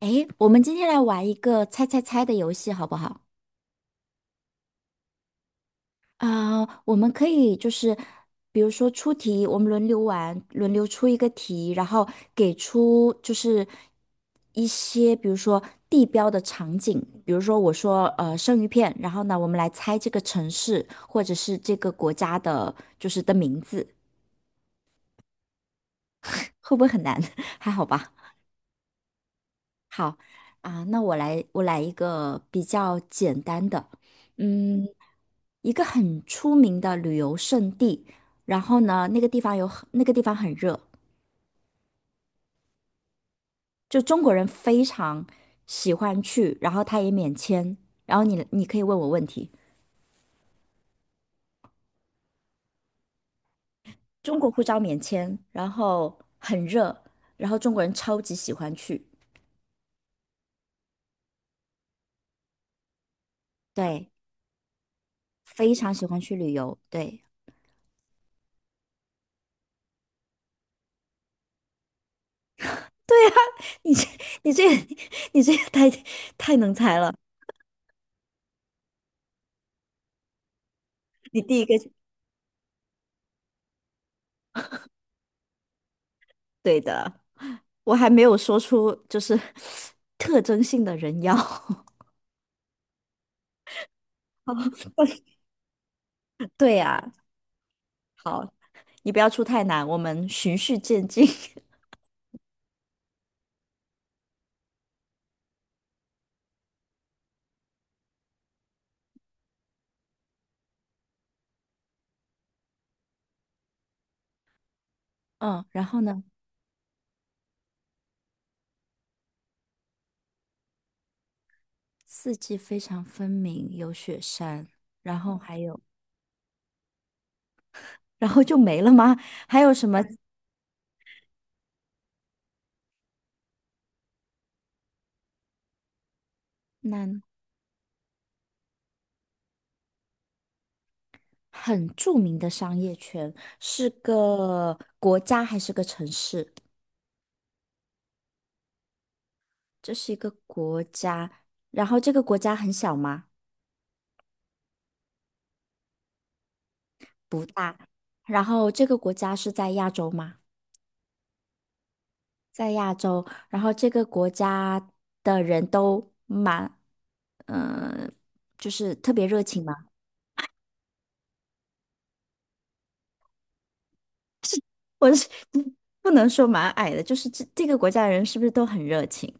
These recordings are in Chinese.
诶，我们今天来玩一个猜猜猜的游戏，好不好？啊、我们可以就是，比如说出题，我们轮流玩，轮流出一个题，然后给出就是一些，比如说地标的场景，比如说我说生鱼片，然后呢，我们来猜这个城市或者是这个国家的，就是的名字，会不会很难？还好吧？好啊、那我来一个比较简单的，嗯。一个很出名的旅游胜地，然后呢，那个地方很热，就中国人非常喜欢去，然后它也免签，然后你可以问我问题，中国护照免签，然后很热，然后中国人超级喜欢去，对，非常喜欢去旅游，对，你这你这个 你这个太能猜了，你第一个就对的，我还没有说出就是 特征性的人妖。对呀，好，你不要出太难，我们循序渐进。嗯，然后呢，四季非常分明，有雪山，然后还有，然后就没了吗？还有什么南很著名的商业圈，是个国家还是个城市？这是一个国家，然后这个国家很小吗？不大。然后这个国家是在亚洲吗？在亚洲，然后这个国家的人都蛮嗯、呃就是特别热情吗？我是 不能说蛮矮的，就是这个国家的人是不是都很热情，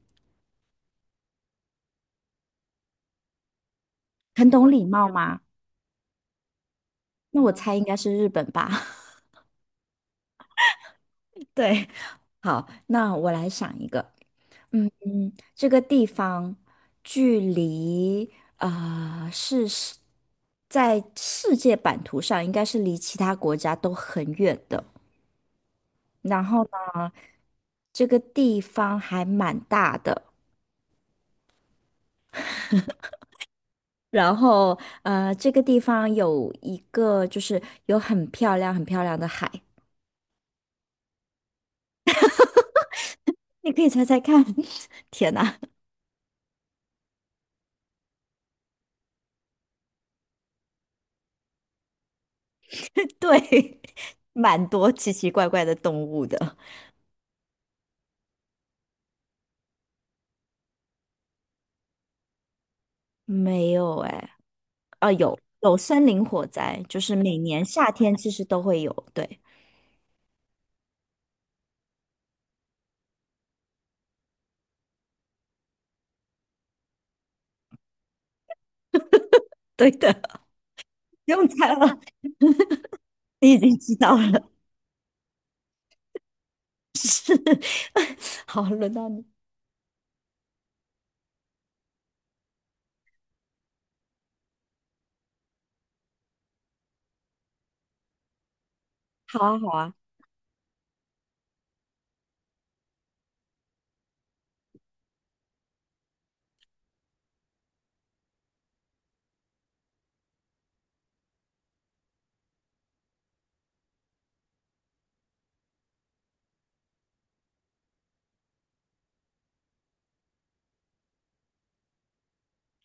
很懂礼貌吗？那我猜应该是日本吧。对，好，那我来想一个，嗯，这个地方距离啊呃是是在世界版图上应该是离其他国家都很远的，然后呢，这个地方还蛮大的。这个地方有一个就是有很漂亮、很漂亮的海，你可以猜猜看。天哪，对，蛮多奇奇怪怪的动物的。没有哎，啊，有森林火灾，就是每年夏天其实都会有。对，对的，不用猜了，你已经知道了。好，轮到你。好啊，好啊，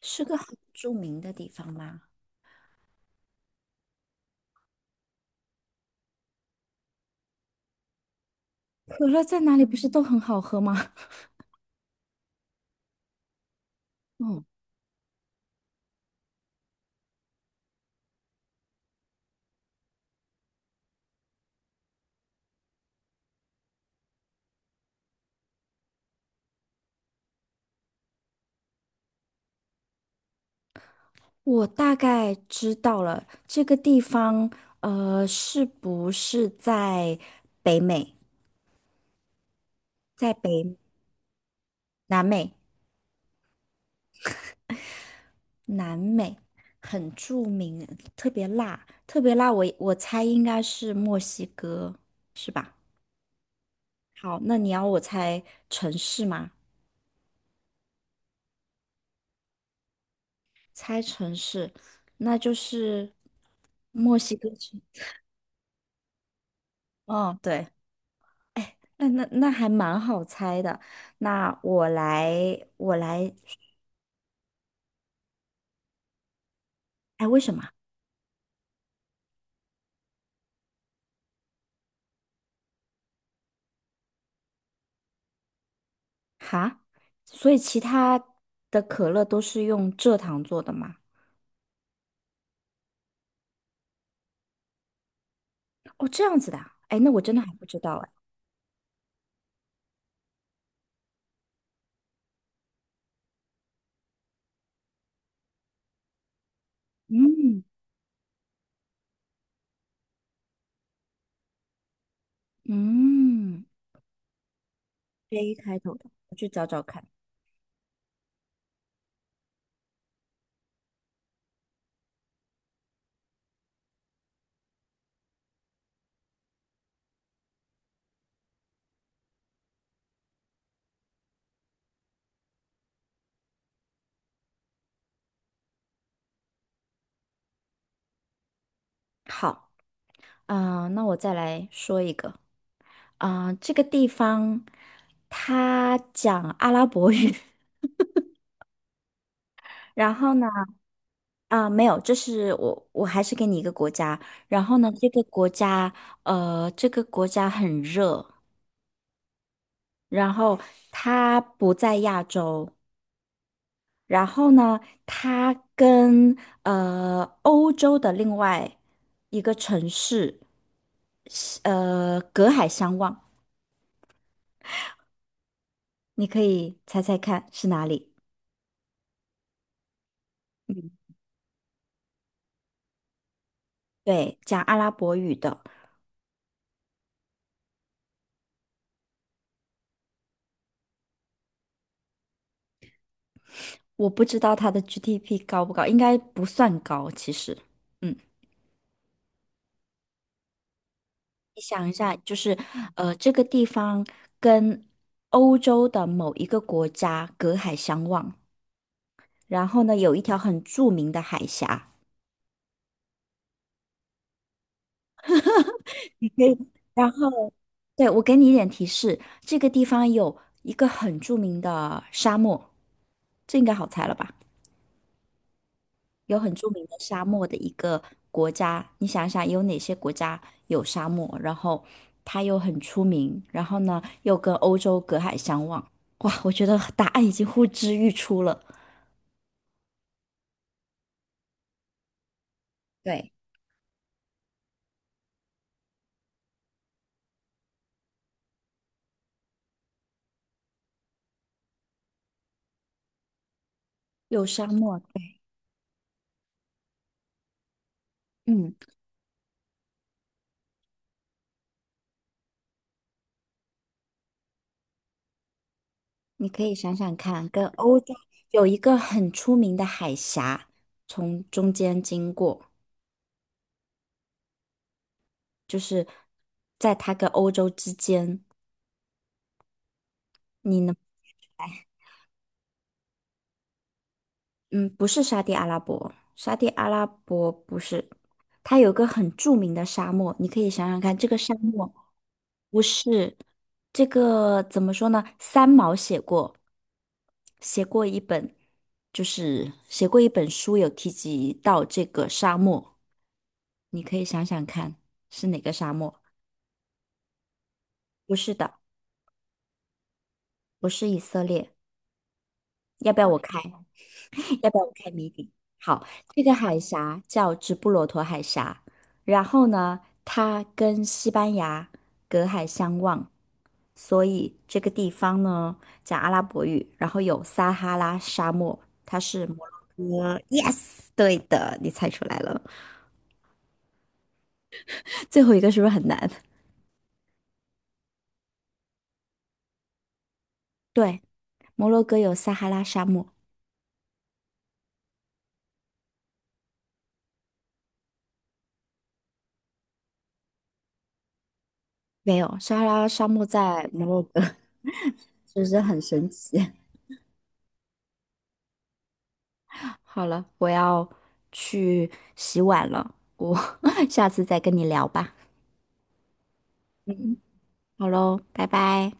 是个很著名的地方吗？可乐在哪里不是都很好喝吗？嗯。我大概知道了这个地方，呃，是不是在北美，在北南美？南美很著名，特别辣我。我猜应该是墨西哥，是吧？好，那你要我猜城市吗？猜城市，那就是墨西哥城。哦，对，那还蛮好猜的。那我来，我来，哎，为什么？哈，所以其他的可乐都是用蔗糖做的吗？哦，这样子的啊，哎，那我真的还不知道哎。嗯嗯，J 开头的，我去找找看。好，啊、那我再来说一个，啊、这个地方它讲阿拉伯语，然后呢，啊、没有，这是我，我还是给你一个国家，然后呢，这个国家，这个国家很热，然后他不在亚洲，然后呢，他跟欧洲的另外一个城市，隔海相望，你可以猜猜看是哪里？对，讲阿拉伯语的，我不知道它的 GDP 高不高，应该不算高，其实。嗯。你想一下，就是这个地方跟欧洲的某一个国家隔海相望，然后呢，有一条很著名的海峡，你可以。然后，对，我给你一点提示，这个地方有一个很著名的沙漠，这应该好猜了吧？有很著名的沙漠的一个国家，你想想有哪些国家有沙漠，然后它又很出名，然后呢又跟欧洲隔海相望。哇，我觉得答案已经呼之欲出了。对，有沙漠，对，嗯。你可以想想看，跟欧洲有一个很出名的海峡，从中间经过，就是在它跟欧洲之间，你能，嗯，不是沙地阿拉伯，沙地阿拉伯不是，它有个很著名的沙漠，你可以想想看，这个沙漠不是这个怎么说呢？三毛写过，写过一本，就是写过一本书，有提及到这个沙漠。你可以想想看，是哪个沙漠？不是的，不是以色列。要不要我开？要不要我开谜底？好，这个海峡叫直布罗陀海峡，然后呢，它跟西班牙隔海相望，所以这个地方呢讲阿拉伯语，然后有撒哈拉沙漠，它是摩洛哥。Yes，对的，你猜出来了。最后一个是不是很难？对，摩洛哥有撒哈拉沙漠，没有，撒哈拉沙漠在摩洛哥。是不是很神奇？好了，我要去洗碗了，我 下次再跟你聊吧。好喽，拜拜。